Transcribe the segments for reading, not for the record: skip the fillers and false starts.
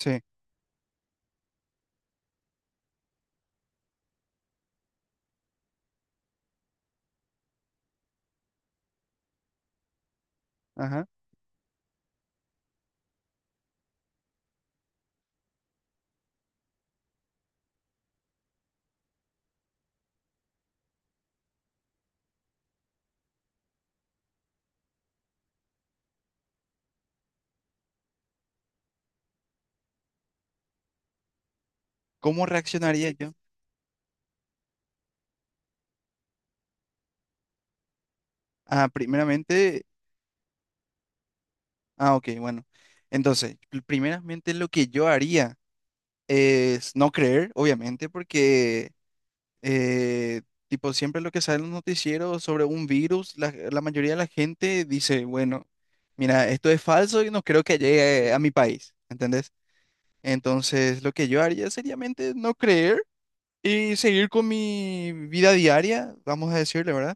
Sí, ajá. ¿Cómo reaccionaría yo? Ah, primeramente, ah, ok, bueno. Entonces, primeramente lo que yo haría es no creer, obviamente, porque eh, tipo siempre lo que sale en los noticieros sobre un virus, la mayoría de la gente dice, bueno, mira, esto es falso y no creo que llegue a mi país, ¿entendés? Entonces, lo que yo haría seriamente no creer y seguir con mi vida diaria, vamos a decirle, ¿verdad?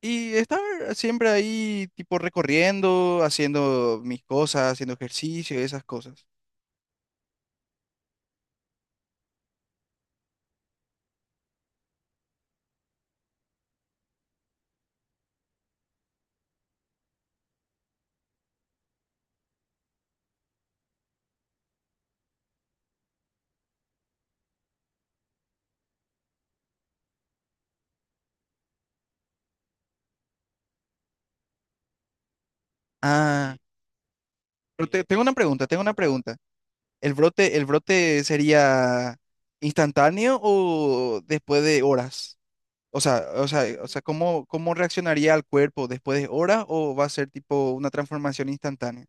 Y estar siempre ahí, tipo recorriendo, haciendo mis cosas, haciendo ejercicio, esas cosas. Ah, pero tengo una pregunta, tengo una pregunta. El brote sería instantáneo o después de horas? O sea, o sea, o sea, ¿cómo, cómo reaccionaría el cuerpo después de horas o va a ser tipo una transformación instantánea?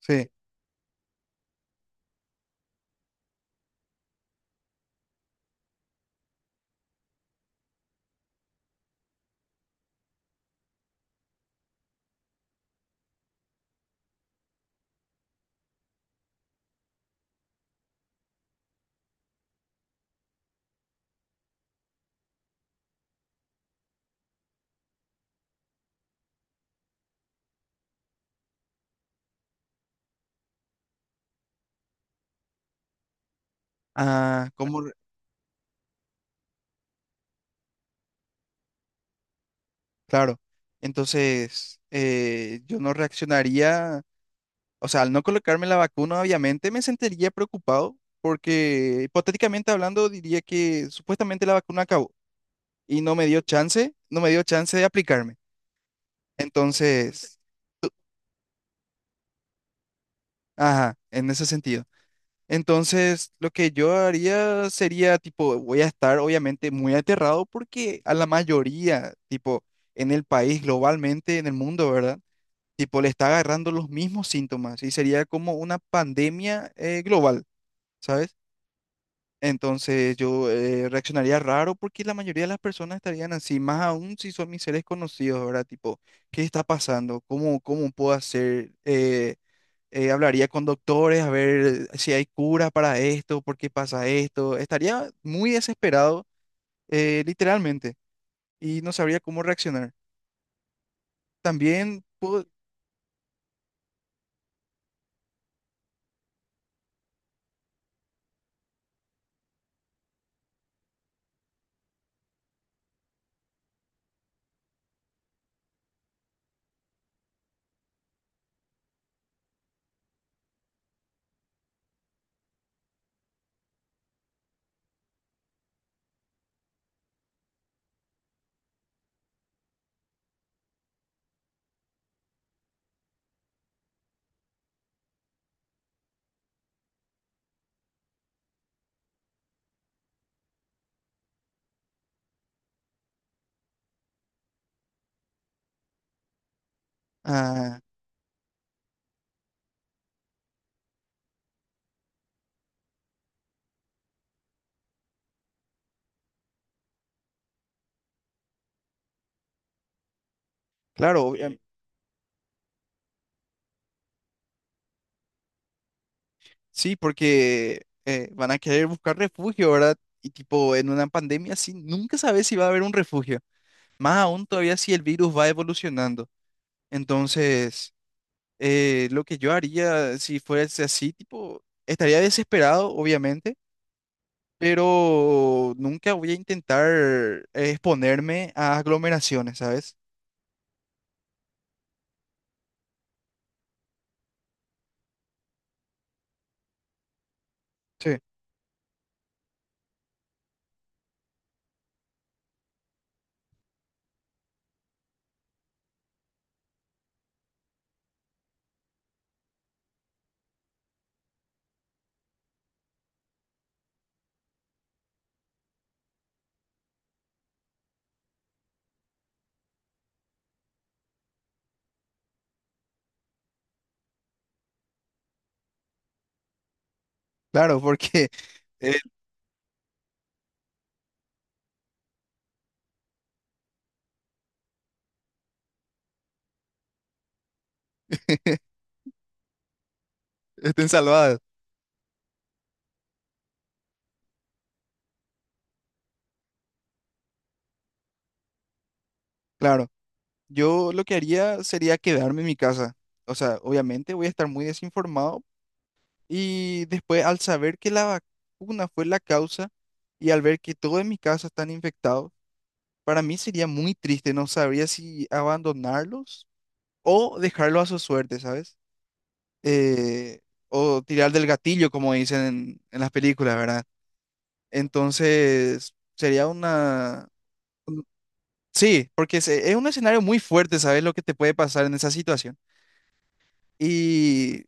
Sí. Ah, ¿cómo? Claro. Entonces, yo no reaccionaría. O sea, al no colocarme la vacuna, obviamente me sentiría preocupado porque hipotéticamente hablando diría que supuestamente la vacuna acabó y no me dio chance, no me dio chance de aplicarme. Entonces, tú- ajá, en ese sentido. Entonces, lo que yo haría sería, tipo, voy a estar obviamente muy aterrado porque a la mayoría, tipo, en el país, globalmente, en el mundo, ¿verdad? Tipo, le está agarrando los mismos síntomas y sería como una pandemia global, ¿sabes? Entonces yo reaccionaría raro porque la mayoría de las personas estarían así, más aún si son mis seres conocidos, ¿verdad? Tipo, ¿qué está pasando? ¿Cómo, cómo puedo hacer? Hablaría con doctores a ver si hay cura para esto, por qué pasa esto. Estaría muy desesperado, literalmente, y no sabría cómo reaccionar. También puedo... Ah, claro, sí, porque van a querer buscar refugio, ¿verdad? Y tipo, en una pandemia así, nunca sabes si va a haber un refugio. Más aún todavía si el virus va evolucionando. Entonces, lo que yo haría si fuese así, tipo, estaría desesperado, obviamente, pero nunca voy a intentar exponerme a aglomeraciones, ¿sabes? Sí. Claro, porque eh, estén salvadas. Claro, yo lo que haría sería quedarme en mi casa. O sea, obviamente voy a estar muy desinformado y después al saber que la vacuna fue la causa y al ver que todos en mi casa están infectados, para mí sería muy triste, no sabría si abandonarlos o dejarlo a su suerte, ¿sabes? Eh, o tirar del gatillo, como dicen en las películas, ¿verdad? Entonces, sería una... un- Sí, porque es un escenario muy fuerte, ¿sabes? Lo que te puede pasar en esa situación. Y,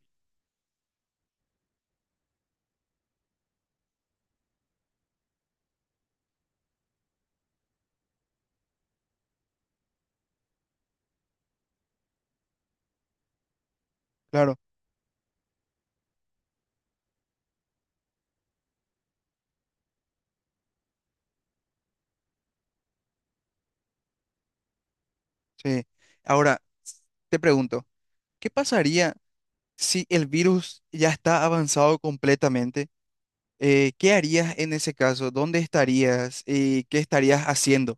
claro, sí. Ahora, te pregunto, ¿qué pasaría si el virus ya está avanzado completamente? ¿Qué harías en ese caso? ¿Dónde estarías? ¿Y qué estarías haciendo?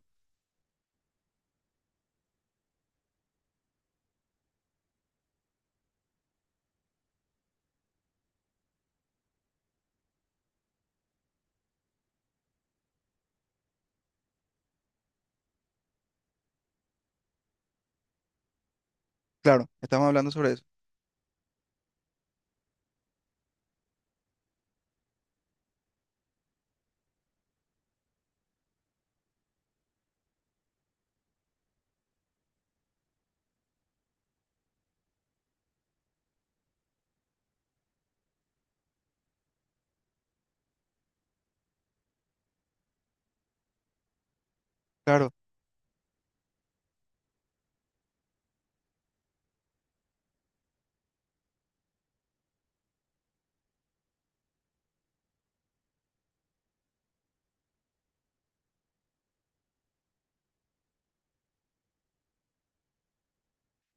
Claro, estamos hablando sobre eso. Claro.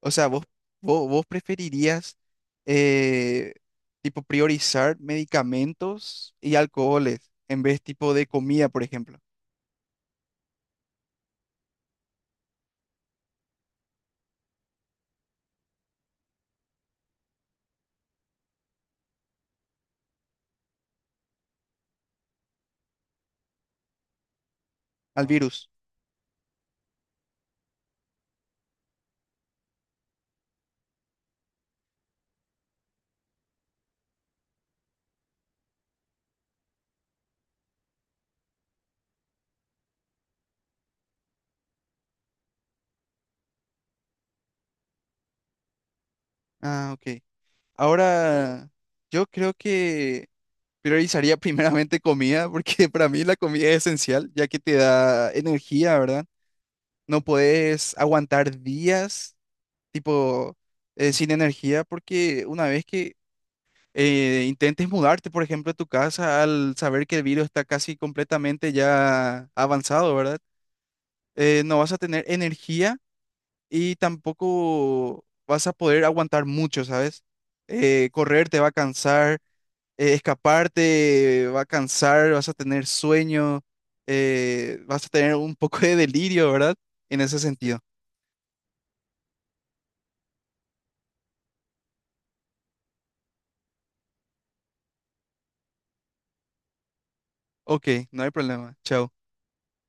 O sea, vos preferirías eh, tipo priorizar medicamentos y alcoholes en vez tipo de comida, por ejemplo, al virus. Ah, ok. Ahora, yo creo que priorizaría primeramente comida, porque para mí la comida es esencial, ya que te da energía, ¿verdad? No puedes aguantar días tipo, sin energía, porque una vez que intentes mudarte, por ejemplo, a tu casa, al saber que el virus está casi completamente ya avanzado, ¿verdad? No vas a tener energía y tampoco vas a poder aguantar mucho, ¿sabes? Correr te va a cansar, escaparte va a cansar, vas a tener sueño, vas a tener un poco de delirio, ¿verdad? En ese sentido. Ok, no hay problema. Chao.